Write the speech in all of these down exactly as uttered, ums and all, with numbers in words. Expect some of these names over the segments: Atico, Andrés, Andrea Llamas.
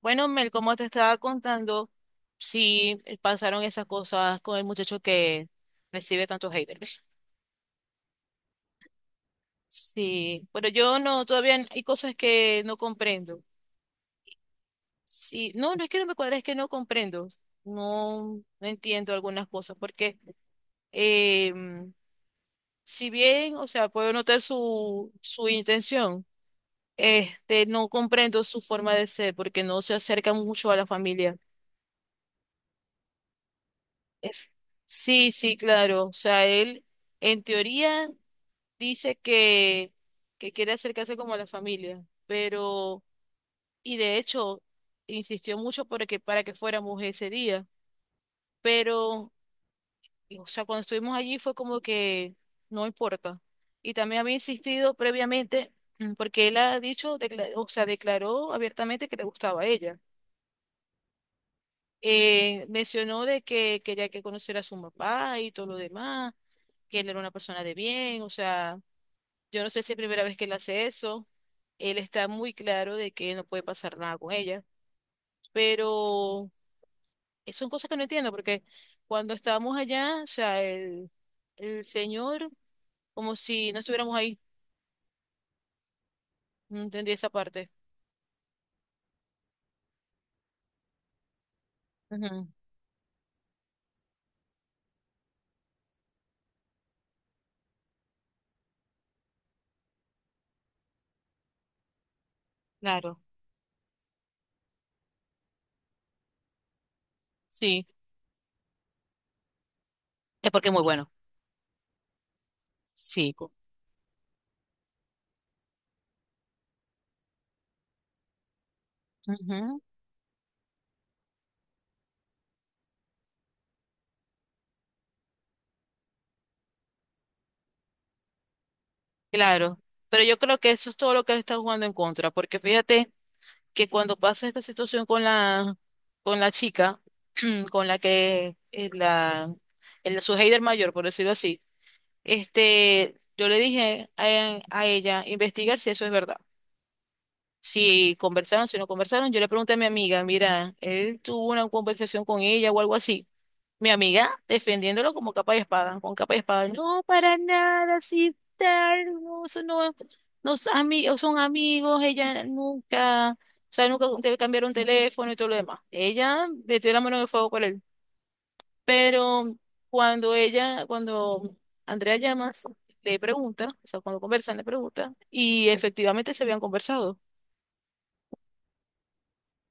Bueno, Mel, como te estaba contando, sí eh, pasaron esas cosas con el muchacho que recibe tantos haters. Sí, pero yo no, todavía hay cosas que no comprendo. Sí, no, no es que no me cuadra, es que no comprendo. No, no entiendo algunas cosas, porque eh, si bien, o sea, puedo notar su, su intención, este, no comprendo su forma de ser, porque no se acerca mucho a la familia. Es, sí, sí, claro. O sea, él en teoría dice que, que quiere acercarse como a la familia, pero, y de hecho, insistió mucho para que, para que fuéramos ese día, pero, y, o sea, cuando estuvimos allí fue como que no importa. Y también había insistido previamente, mm, porque él ha dicho, decla- o sea, declaró abiertamente que le gustaba a ella. Eh, mencionó de que quería que conociera a su papá y todo lo demás, que él era una persona de bien, o sea, yo no sé si es primera vez que él hace eso, él está muy claro de que no puede pasar nada con ella, pero son cosas que no entiendo, porque cuando estábamos allá, o sea, el, el señor, como si no estuviéramos ahí, no entendí esa parte. Ujú, claro, sí, es porque es muy bueno. Sí. Ujú. Claro, pero yo creo que eso es todo lo que le está jugando en contra, porque fíjate que cuando pasa esta situación con la, con la chica, con la que eh, la, el, su hater mayor, por decirlo así, este, yo le dije a, a ella investigar si eso es verdad, si conversaron, si no conversaron. Yo le pregunté a mi amiga, mira, él tuvo una conversación con ella o algo así. Mi amiga defendiéndolo como capa y espada, con capa y espada. No, para nada, sí, tal, no, eso no, no son amigos, son amigos, ella nunca, o sea, nunca te cambiaron teléfono y todo lo demás. Ella metió la mano en el fuego por él. Pero cuando ella, cuando Andrea Llamas le pregunta, o sea, cuando conversan le pregunta, y efectivamente se habían conversado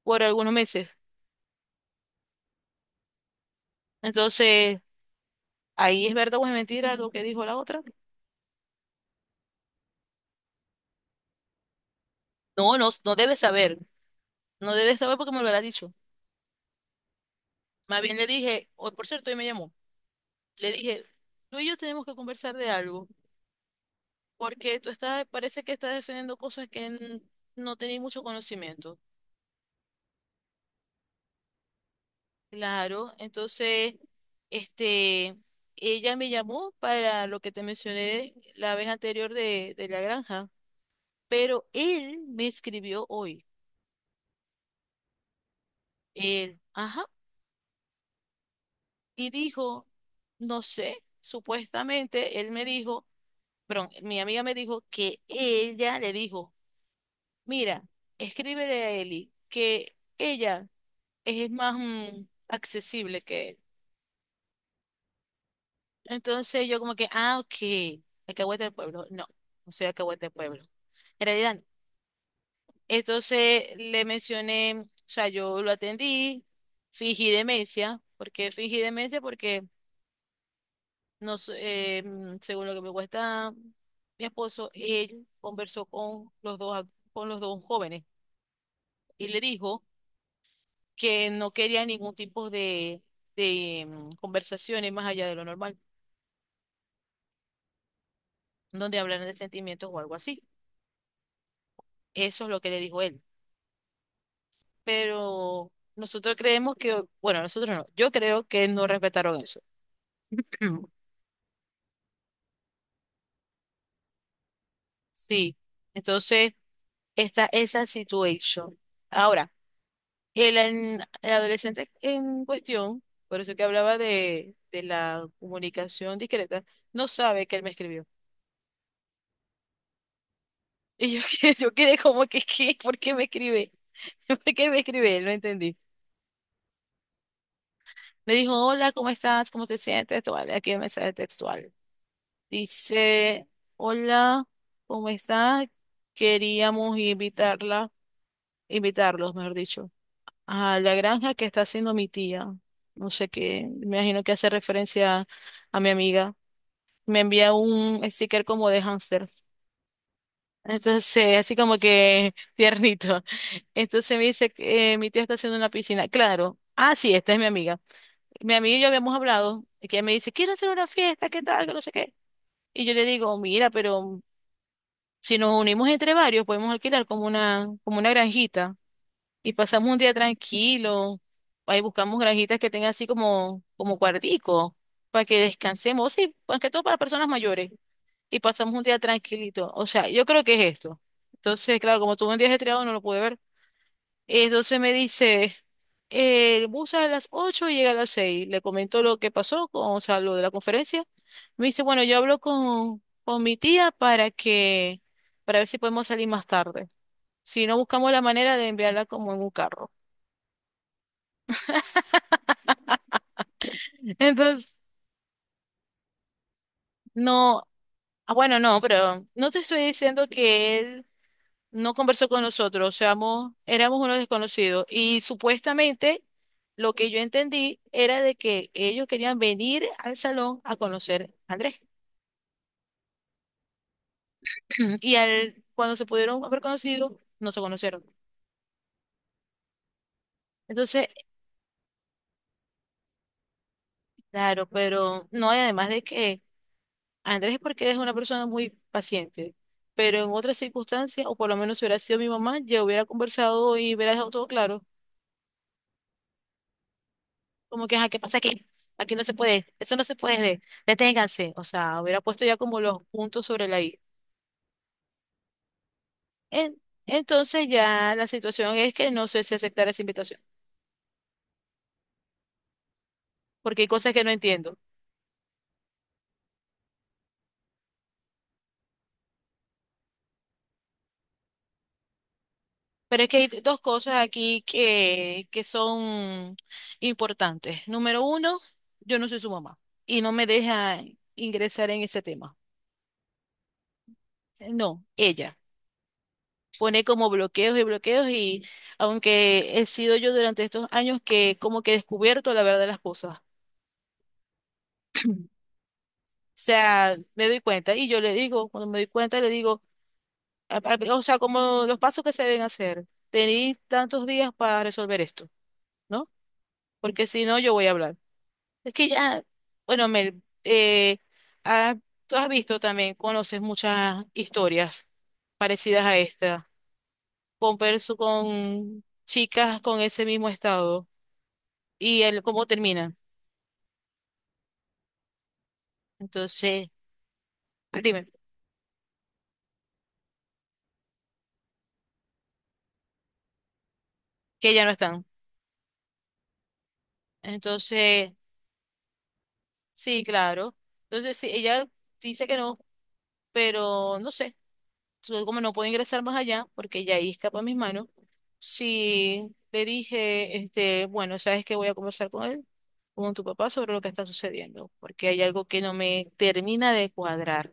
por algunos meses. Entonces, ahí es verdad o es mentira lo que dijo la otra. No, no, no debe saber. No debe saber porque me lo hubiera dicho. Más bien le dije, o por cierto, hoy me llamó. Le dije, tú y yo tenemos que conversar de algo, porque tú estás, parece que estás defendiendo cosas que n- no tenéis mucho conocimiento. Claro, entonces, este, ella me llamó para lo que te mencioné la vez anterior de, de la granja, pero él me escribió hoy. Él, ajá. Y dijo, no sé, supuestamente él me dijo, pero mi amiga me dijo que ella le dijo, mira, escríbele a Eli que ella es más mm, accesible que él. Entonces yo como que, ah, ok, Alcahuete del pueblo. No, no soy Alcahuete del pueblo. En realidad, no. Entonces le mencioné, o sea, yo lo atendí, fingí demencia. ¿Por qué fingí demencia? Porque Nos, eh, mm, según lo que me cuesta mi esposo, él conversó con los dos, ad- con los dos jóvenes y le dijo que no quería ningún tipo de, de mm, conversaciones más allá de lo normal, donde hablaran de sentimientos o algo así. Eso es lo que le dijo él. Pero nosotros creemos que, bueno, nosotros no, yo creo que no respetaron eso. Sí, entonces está esa situación. Ahora. El, an- el adolescente en cuestión, por eso que hablaba de, de la comunicación discreta, no sabe que él me escribió. Y yo, que- yo quedé como que, ¿qué? ¿Por qué me escribe? ¿Por qué me escribe? No entendí. Me dijo, hola, ¿cómo estás? ¿Cómo te sientes? Te Aquí el mensaje textual. Dice, hola, ¿cómo estás? Queríamos invitarla, invitarlos, mejor dicho, a la granja que está haciendo mi tía. No sé qué, me imagino que hace referencia a mi amiga. Me envía un sticker como de hámster. Entonces, así como que tiernito. Entonces me dice, que, eh, mi tía está haciendo una piscina. Claro. Ah, sí, esta es mi amiga. Mi amiga y yo habíamos hablado, y que ella me dice, quiero hacer una fiesta, ¿qué tal? Que no sé qué. Y yo le digo, mira, pero si nos unimos entre varios, podemos alquilar como una, como una granjita y pasamos un día tranquilo. Ahí buscamos granjitas que tengan así como, como cuartico, para que descansemos. Sí, más que todo para personas mayores. Y pasamos un día tranquilito. O sea, yo creo que es esto. Entonces, claro, como tuve un día estriado, no lo pude ver. Entonces me dice, el bus sale a las ocho y llega a las seis. Le comentó lo que pasó, con- o sea, lo de la conferencia. Me dice, bueno, yo hablo con, con mi tía para que, para ver si podemos salir más tarde. Si no, buscamos la manera de enviarla como en un carro. Entonces, no, ah, bueno, no, pero no te estoy diciendo que él no conversó con nosotros, o sea, mo- éramos unos desconocidos. Y supuestamente lo que yo entendí era de que ellos querían venir al salón a conocer a Andrés. Y al, cuando se pudieron haber conocido, no se conocieron. Entonces, claro, pero no, y además de que Andrés es porque es una persona muy paciente. Pero en otras circunstancias, o por lo menos si hubiera sido mi mamá, yo hubiera conversado y hubiera dejado todo claro. Como que, ajá, ¿qué pasa aquí? Aquí no se puede, eso no se puede, deténganse. O sea, hubiera puesto ya como los puntos sobre la I. En- entonces ya la situación es que no sé si aceptar esa invitación, porque hay cosas que no entiendo. Pero es que hay dos cosas aquí que, que son importantes. Número uno, yo no soy su mamá y no me deja ingresar en ese tema. No, ella pone como bloqueos y bloqueos y aunque he sido yo durante estos años que como que he descubierto la verdad de las cosas. O sea, me doy cuenta y yo le digo, cuando me doy cuenta le digo, a- a- o sea, como los pasos que se deben hacer, tenéis tantos días para resolver esto, ¿no? Porque si no, yo voy a hablar. Es que ya, bueno, Mel, eh, ah, tú has visto también, conoces muchas historias parecidas a esta, con, perso- con chicas con ese mismo estado y el cómo terminan. Entonces, dime, que ya no están. Entonces... Sí, claro. Entonces, sí, ella dice que no, pero no sé. Entonces, como no puedo ingresar más allá, porque ya ahí escapa a mis manos, sí le dije, este, bueno, sabes que voy a conversar con él, con tu papá, sobre lo que está sucediendo, porque hay algo que no me termina de cuadrar.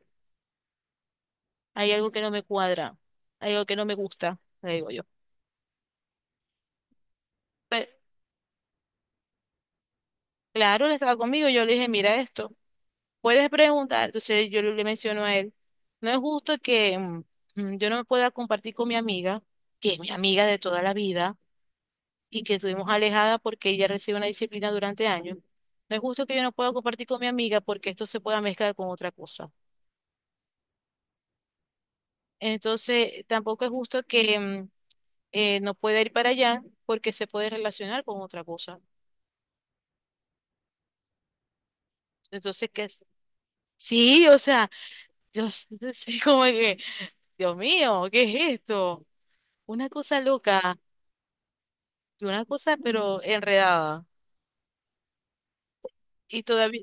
Hay algo que no me cuadra. Hay algo que no me gusta, le digo yo. Pero, claro, él estaba conmigo, yo le dije, mira esto. Puedes preguntar, entonces yo le menciono a él, no es justo que mm, mm, yo no me pueda compartir con mi amiga, que es mi amiga de toda la vida y que estuvimos alejada porque ella recibe una disciplina durante años. No es justo que yo no pueda compartir con mi amiga porque esto se pueda mezclar con otra cosa. Entonces, tampoco es justo que mm, eh, no pueda ir para allá porque se puede relacionar con otra cosa. Entonces, ¿qué? Sí, o sea, yo sí como que, Dios mío, ¿qué es esto? Una cosa loca. Una cosa, pero enredada. Y todavía,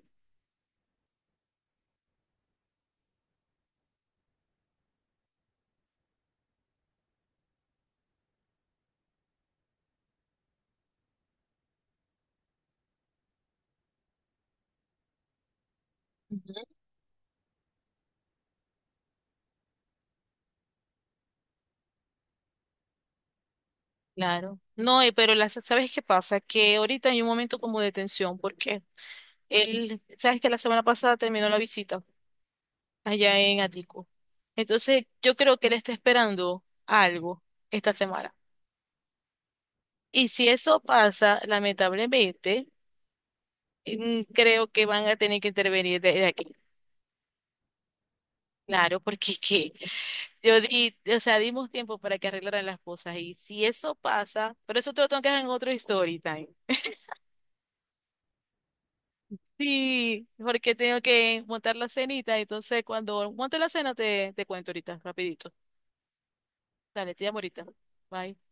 Ujú. Claro. No, eh, pero las- ¿sabes qué pasa? Que ahorita hay un momento como de tensión, porque él, sabes que la semana pasada terminó la visita allá en Atico. Entonces, yo creo que él está esperando algo esta semana. Y si eso pasa, lamentablemente, mm, creo que van a tener que intervenir de de aquí. Claro, porque ¿qué? Yo di, o sea, dimos tiempo para que arreglaran las cosas y si eso pasa, pero eso te lo tengo que dejar en otro story time. Sí, porque tengo que montar la cenita, entonces cuando monte la cena te, te cuento ahorita, rapidito. Dale, te llamo ahorita. Bye.